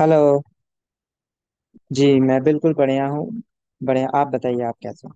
Hello जी। मैं बिल्कुल बढ़िया हूँ। बढ़िया, आप बताइए आप कैसे हो।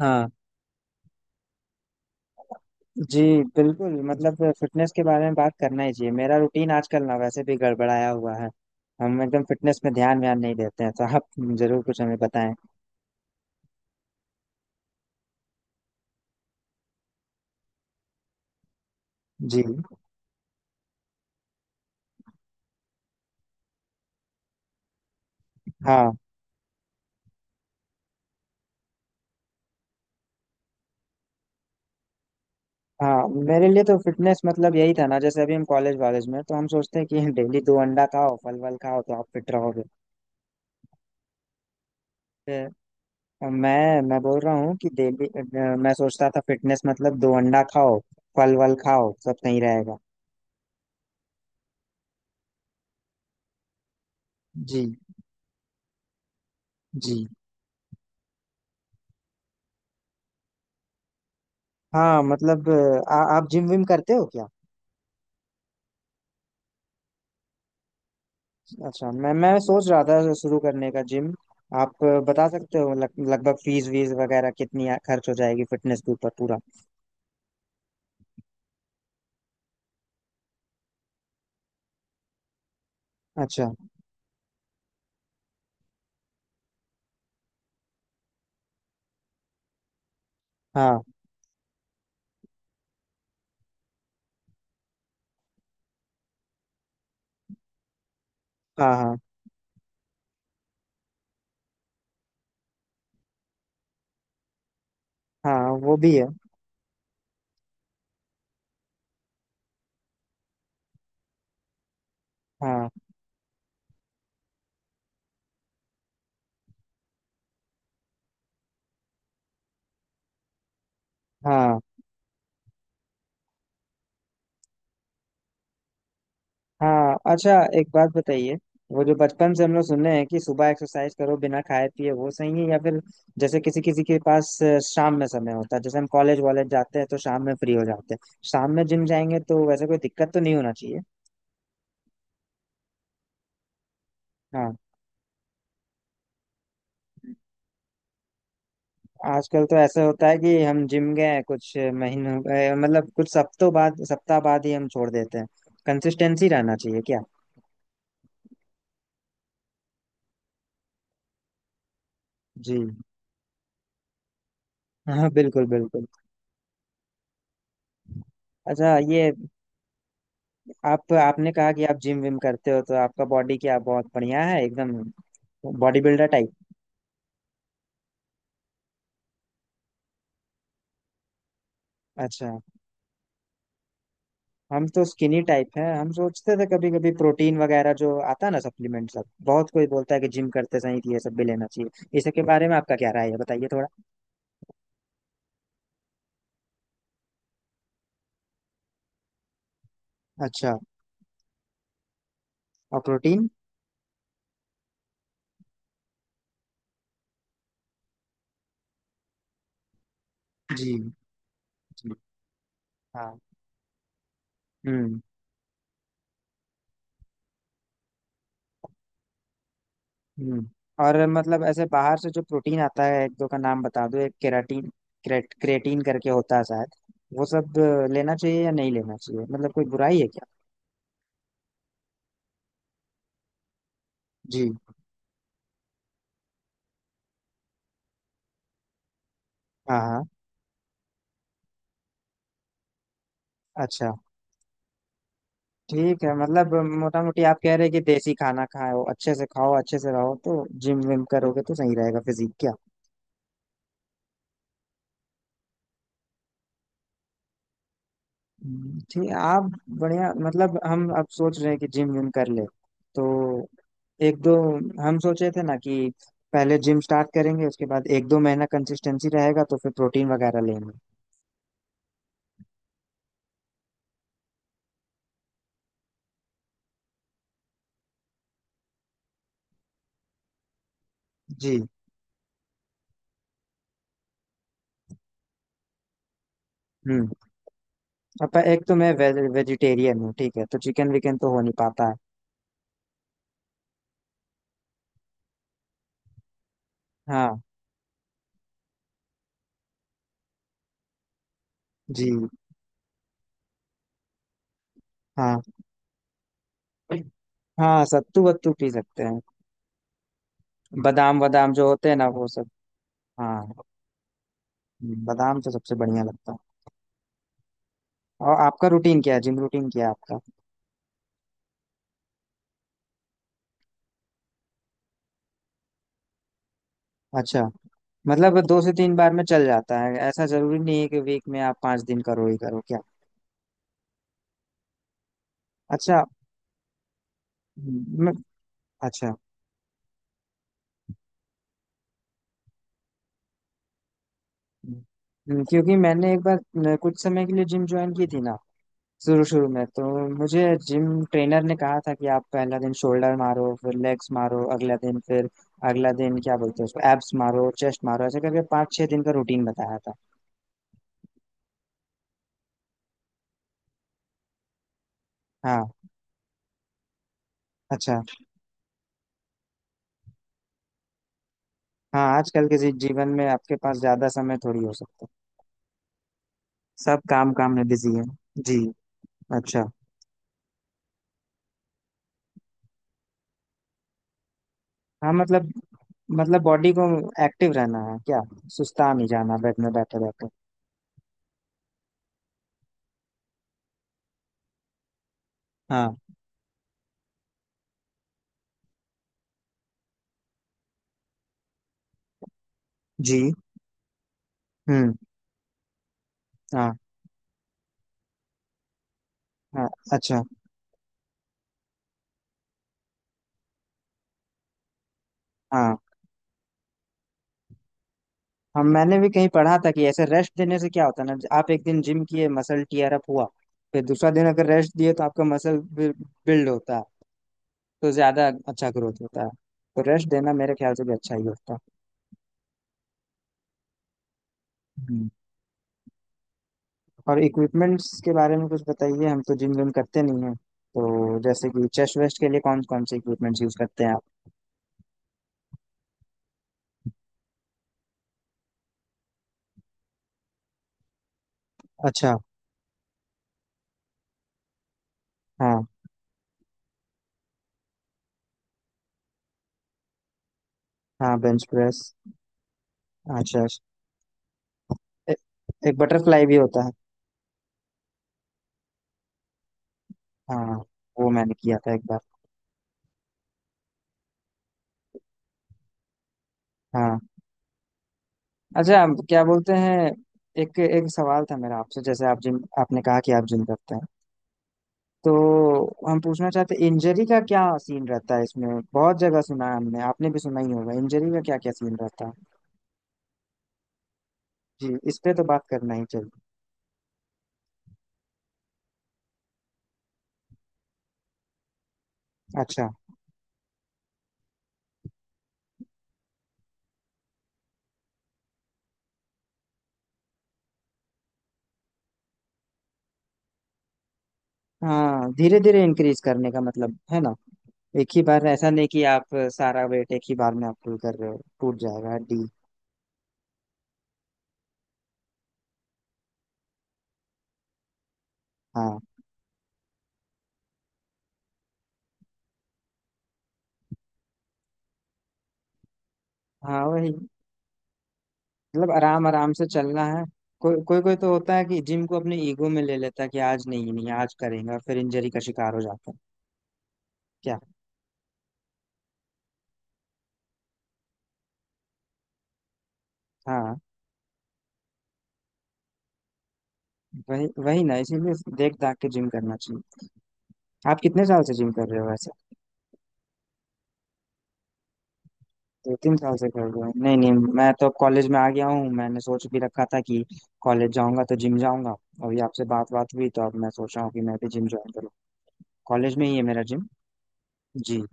हाँ जी, बिल्कुल। मतलब फिटनेस के बारे में बात करना ही चाहिए। मेरा रूटीन आजकल ना वैसे भी गड़बड़ाया हुआ है। हम एकदम फिटनेस में ध्यान व्यान नहीं देते हैं, तो आप जरूर कुछ हमें बताएं। जी। हाँ। हाँ, मेरे लिए तो फिटनेस मतलब यही था ना, जैसे अभी हम कॉलेज वॉलेज में तो हम सोचते हैं कि डेली दो अंडा खाओ, फल वल खाओ तो आप फिट रहोगे। तो मैं बोल रहा हूँ कि डेली मैं सोचता था फिटनेस मतलब दो अंडा खाओ, फल वल खाओ, सब सही रहेगा। जी। जी, हाँ। मतलब आप जिम विम करते हो क्या। अच्छा, मैं सोच रहा था शुरू करने का जिम। आप बता सकते हो लगभग फीस वीस वगैरह कितनी खर्च हो जाएगी फिटनेस के ऊपर पूरा। अच्छा। हाँ। हाँ। हाँ। हाँ, वो भी है। हाँ। हाँ। हाँ, अच्छा। एक बात बताइए, वो जो बचपन से हम लोग सुने हैं कि सुबह एक्सरसाइज करो बिना खाए पिए, वो सही है या फिर जैसे किसी किसी के पास शाम में समय होता है, जैसे हम कॉलेज वॉलेज जाते हैं तो शाम में फ्री हो जाते हैं। शाम में जिम जाएंगे तो वैसे कोई दिक्कत तो नहीं होना चाहिए। हाँ। आजकल तो ऐसा होता है कि हम जिम गए कुछ महीनों मतलब कुछ हफ्तों बाद, सप्ताह बाद ही हम छोड़ देते हैं। कंसिस्टेंसी रहना चाहिए क्या। जी। हाँ, बिल्कुल बिल्कुल। अच्छा, ये आप, आपने कहा कि आप जिम विम करते हो, तो आपका बॉडी क्या बहुत बढ़िया है एकदम, बॉडी बिल्डर टाइप। अच्छा। हम तो स्किनी टाइप है, हम सोचते थे कभी कभी प्रोटीन वगैरह जो आता है ना, सप्लीमेंट सब। बहुत कोई बोलता है कि जिम करते समय तो ये सब भी लेना चाहिए। इसके बारे में आपका क्या राय है, बताइए थोड़ा। अच्छा। और प्रोटीन। जी। जी। हाँ। हम्म। हम्म। और मतलब ऐसे बाहर से जो प्रोटीन आता है, एक दो का नाम बता दो। एक केराटीन, क्रेटीन करके होता है शायद। वो सब लेना चाहिए या नहीं लेना चाहिए, मतलब कोई बुराई है क्या। जी, हाँ, हाँ। अच्छा, ठीक है। मतलब मोटा मोटी आप कह रहे हैं कि देसी खाना खाओ, अच्छे से रहो, तो जिम विम करोगे तो सही रहेगा फिजिक क्या? ठीक। आप बढ़िया। मतलब हम अब सोच रहे हैं कि जिम विम कर ले, तो एक दो, हम सोचे थे ना कि पहले जिम स्टार्ट करेंगे, उसके बाद एक दो महीना कंसिस्टेंसी रहेगा तो फिर प्रोटीन वगैरह लेंगे। जी। हम्म। अब एक तो मैं वेजिटेरियन हूँ, ठीक है, तो चिकन विकन तो हो नहीं पाता है। हाँ। जी। हाँ। हाँ, सत्तू वत्तू पी सकते हैं। बादाम वादाम जो होते हैं ना, वो सब। हाँ। बादाम तो सबसे बढ़िया लगता है। और आपका रूटीन क्या है, जिम रूटीन क्या है आपका। अच्छा। मतलब दो से तीन बार में चल जाता है, ऐसा जरूरी नहीं है कि वीक में आप पांच दिन करो ही करो क्या। अच्छा। हम्म, मैं, अच्छा। क्योंकि मैंने एक बार न, कुछ समय के लिए जिम ज्वाइन की थी ना। शुरू शुरू में तो मुझे जिम ट्रेनर ने कहा था कि आप पहला दिन शोल्डर मारो, फिर लेग्स मारो, अगला दिन फिर अगला दिन क्या बोलते हैं उसको एब्स मारो, चेस्ट मारो, ऐसे करके पाँच छह दिन का रूटीन बताया था। हाँ, अच्छा। हाँ, आजकल के जीवन में आपके पास ज्यादा समय थोड़ी हो सकता है। सब काम काम में बिजी है। जी। अच्छा। हाँ, मतलब, मतलब बॉडी को एक्टिव रहना है क्या, सुस्ता नहीं जाना बेड में बैठे बैठे। हाँ। जी। हम्म। हाँ। हाँ, अच्छा। हाँ। हम मैंने भी कहीं पढ़ा था कि ऐसे रेस्ट देने से क्या होता है ना, आप एक दिन जिम किए, मसल टीयर अप हुआ, फिर दूसरा दिन अगर रेस्ट दिए तो आपका मसल बिल्ड होता है, तो ज्यादा अच्छा ग्रोथ होता है। तो रेस्ट देना मेरे ख्याल से भी अच्छा ही होता है। हम्म। और इक्विपमेंट्स के बारे में कुछ बताइए। हम तो जिम विम करते नहीं हैं, तो जैसे कि चेस्ट वेस्ट के लिए कौन कौन से इक्विपमेंट्स यूज करते हैं आप। अच्छा। हाँ। हाँ, बेंच प्रेस। हाँ, चेस्ट। एक बटरफ्लाई भी होता है। हाँ, वो मैंने किया था एक बार। हाँ, अच्छा, आप क्या बोलते हैं। एक एक सवाल था मेरा आपसे, जैसे आप जिम, आपने कहा कि आप जिम करते हैं, तो हम पूछना चाहते हैं इंजरी का क्या सीन रहता है इसमें। बहुत जगह सुना है हमने, आपने भी सुना ही होगा, इंजरी का क्या क्या सीन रहता है। जी, इस पे तो बात करना ही चाहिए। अच्छा। हाँ, धीरे धीरे इंक्रीज करने का मतलब है ना। एक ही बार ऐसा नहीं कि आप सारा वेट एक ही बार में आप पुल कर रहे हो, टूट जाएगा हड्डी। हाँ। हाँ, वही, मतलब आराम आराम से चलना है। कोई कोई कोई तो होता है कि जिम को अपने ईगो में ले लेता है कि आज नहीं नहीं आज करेंगे, और फिर इंजरी का शिकार हो जाता है क्या। हाँ, वही वही ना, इसीलिए देख दाख के जिम करना चाहिए। आप कितने साल से जिम कर रहे हो वैसे। दो तीन साल से कर रहे हो, नहीं नहीं। मैं तो कॉलेज में आ गया हूँ, मैंने सोच भी रखा था कि कॉलेज जाऊंगा तो जिम जाऊंगा। अभी आपसे बात बात हुई तो अब मैं सोच रहा हूँ कि मैं भी जिम ज्वाइन करूँ, कॉलेज में ही है मेरा जिम। जी।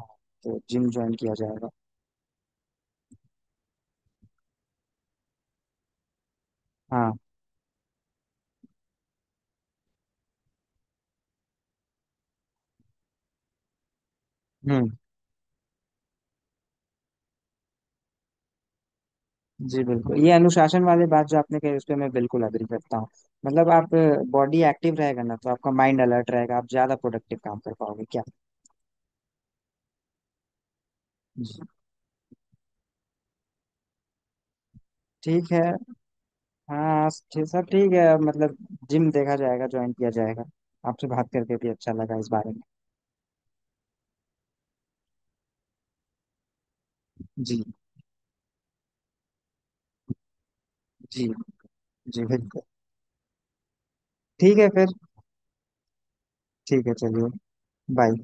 हाँ, तो जिम ज्वाइन किया जाएगा। हाँ। हम्म। जी बिल्कुल, ये अनुशासन वाली बात जो आपने कही उस पर मैं बिल्कुल अग्री करता हूँ। मतलब आप, बॉडी एक्टिव रहेगा ना तो आपका माइंड अलर्ट रहेगा, आप ज्यादा प्रोडक्टिव काम कर पाओगे क्या। जी। ठीक है। हाँ, ठीक- सब ठीक है, मतलब जिम देखा जाएगा, ज्वाइन किया जाएगा। आपसे बात करके भी अच्छा लगा इस बारे में। जी। जी। जी, बिल्कुल। ठीक है फिर। ठीक है, चलिए। बाय।